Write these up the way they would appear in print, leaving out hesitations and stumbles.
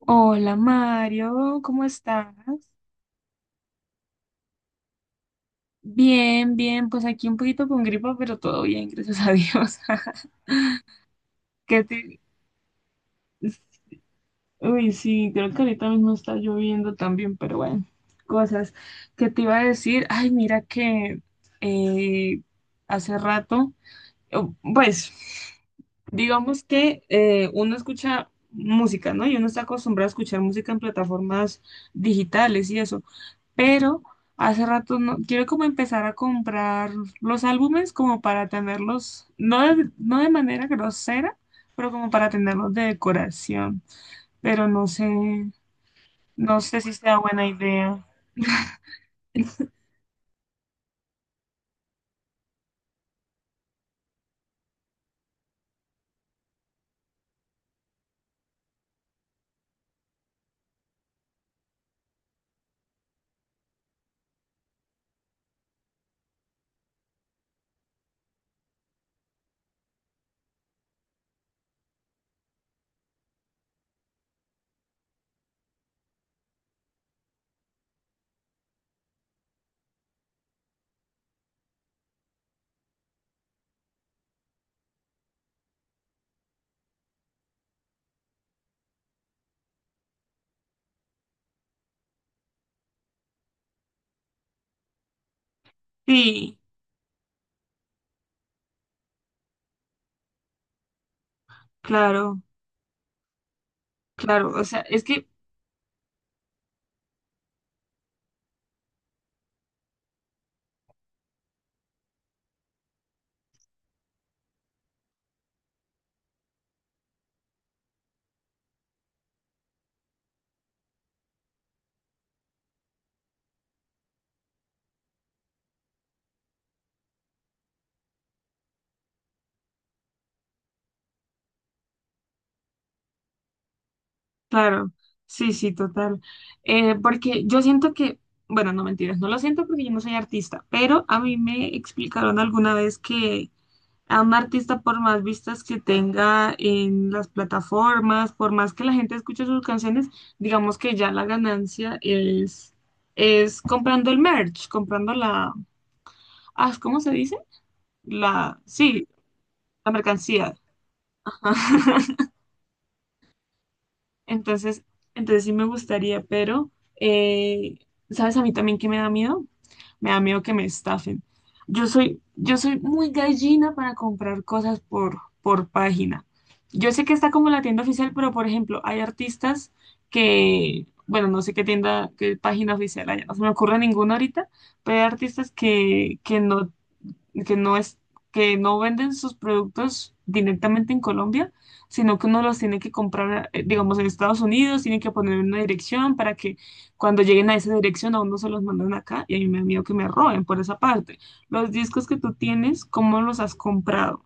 Hola Mario, ¿cómo estás? Bien, bien, pues aquí un poquito con gripa, pero todo bien, gracias a Dios. ¿Qué te... Uy, sí, creo que ahorita mismo está lloviendo también, pero bueno, cosas que te iba a decir. Ay, mira que eh, hace rato o- Pues, digamos que uno escucha música, ¿no? Y uno está acostumbrado a escuchar música en plataformas digitales y eso, pero hace rato no, quiero como empezar a comprar los álbumes como para tenerlos, no de, no de manera grosera, pero como para tenerlos de decoración, pero no sé, no sé si sea buena idea. Sí, claro, claro, o sea, es que claro, sí, sí, total. Porque yo siento que, bueno, no mentiras, no lo siento porque yo no soy artista, pero a mí me explicaron alguna vez que a un artista, por más vistas que tenga en las plataformas, por más que la gente escuche sus canciones, digamos que ya la ganancia es comprando el merch, comprando la, ah, ¿cómo se dice? La, sí, la mercancía. Entonces, entonces sí me gustaría, pero eh, ¿sabes a mí también que me da miedo? Me da miedo que me estafen. Yo soy muy gallina para comprar cosas por página. Yo sé que está como la tienda oficial, pero por ejemplo, hay artistas que, bueno, no sé qué tienda, qué página oficial hay, no se me ocurre ninguna ahorita, pero hay artistas que no es, que no venden sus productos directamente en Colombia, sino que uno los tiene que comprar, digamos, en Estados Unidos, tiene que poner una dirección para que cuando lleguen a esa dirección a uno se los mandan acá y a mí me da miedo que me roben por esa parte. Los discos que tú tienes, ¿cómo los has comprado?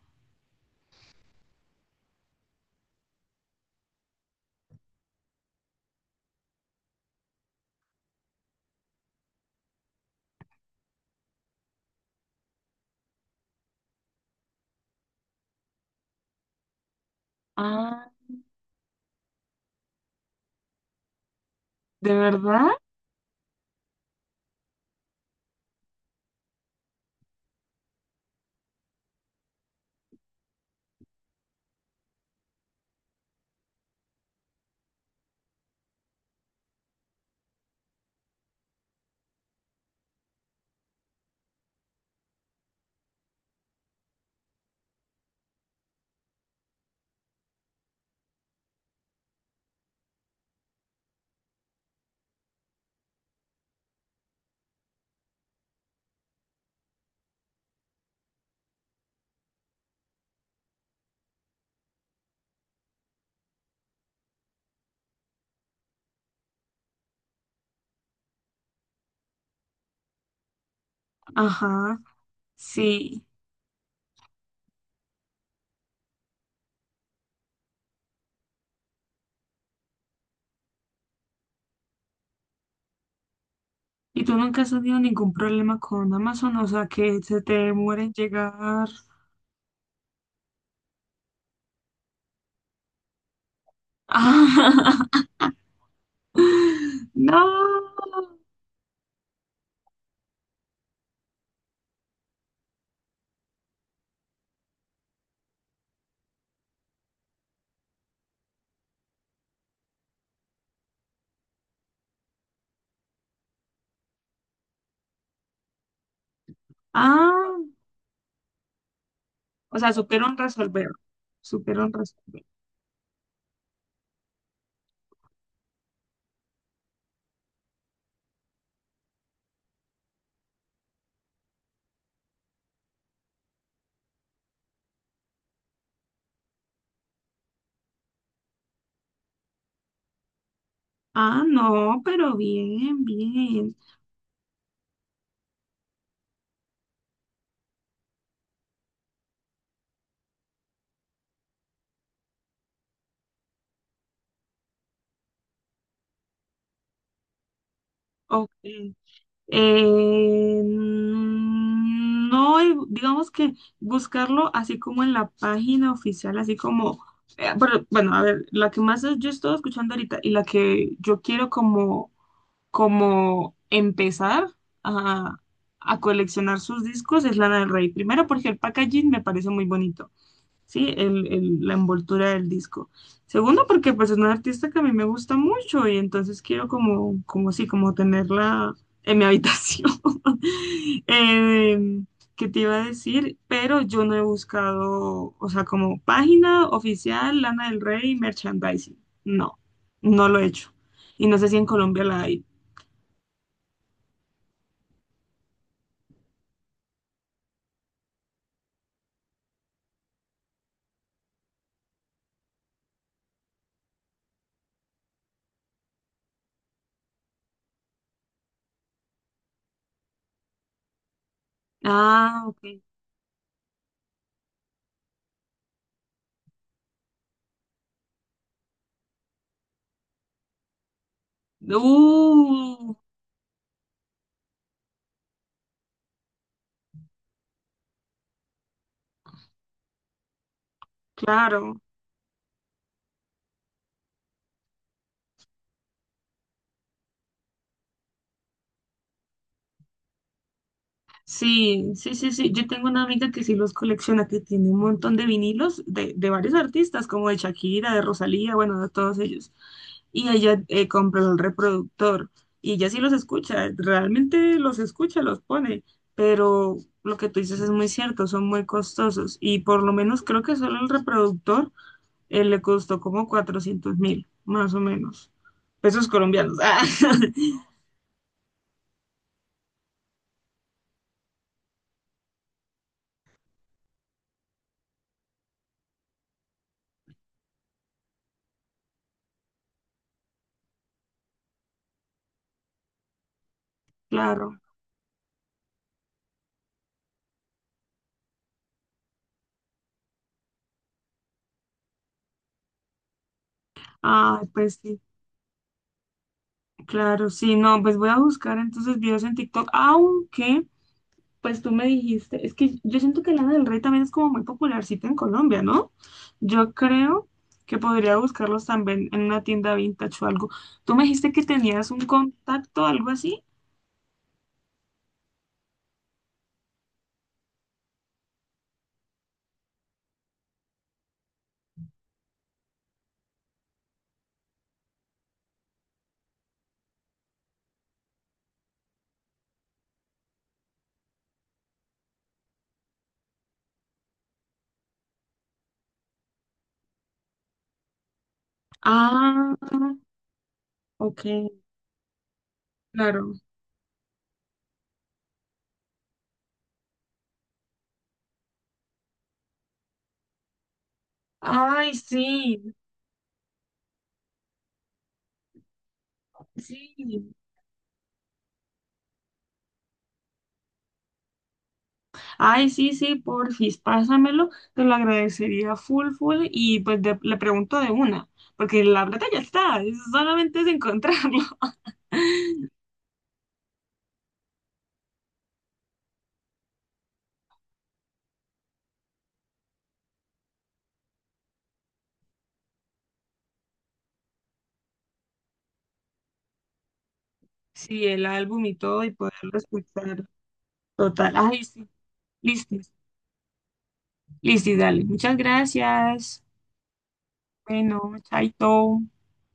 Ah, ¿de verdad? Ajá, sí. ¿Y tú nunca has tenido ningún problema con Amazon? O sea, que se te demore en llegar. No. Ah, o sea, supieron resolver. Supieron resolver. Ah, no, pero bien, bien. Ok. No, digamos que buscarlo así como en la página oficial, así como, pero, bueno, a ver, la que más yo estoy escuchando ahorita y la que yo quiero como, como empezar a, a coleccionar sus discos es Lana del Rey. Primero porque el packaging me parece muy bonito. Sí, el- la envoltura del disco. Segundo, porque pues es una artista que a mí me gusta mucho y entonces quiero como, como sí, como tenerla en mi habitación. Eh, ¿Qué te iba a decir? Pero yo no he buscado, o sea, como página oficial, Lana del Rey, merchandising. No, no lo he hecho. Y no sé si en Colombia la hay. Ah, ok. Uh, claro. Sí, sí, sí, sí. Yo tengo una amiga que sí los colecciona, que tiene un montón de vinilos de varios artistas, como de Shakira, de Rosalía, bueno, de todos ellos. Y ella compró el reproductor y ella sí los escucha, realmente los escucha, los pone, pero lo que tú dices es muy cierto, son muy costosos y por lo menos creo que solo el reproductor le costó como 400.000, más o menos, pesos colombianos. Ah, claro. Ah, pues sí. Claro, sí, no, pues voy a buscar entonces videos en TikTok, aunque, pues tú me dijiste, es que yo siento que Lana del Rey también es como muy popularcita en Colombia, ¿no? Yo creo que podría buscarlos también en una tienda vintage o algo. Tú me dijiste que tenías un contacto, algo así. Ah, ok, claro. Ay, sí, sí. Ay, sí, sí, porfis, pásamelo, te lo agradecería full, full, y pues de- le pregunto de una, porque la plata ya está, es- solamente es encontrarlo. Sí, el álbum y todo, y poderlo escuchar. Total, ay, sí, listo, listo, dale, muchas gracias. Bueno, chaito.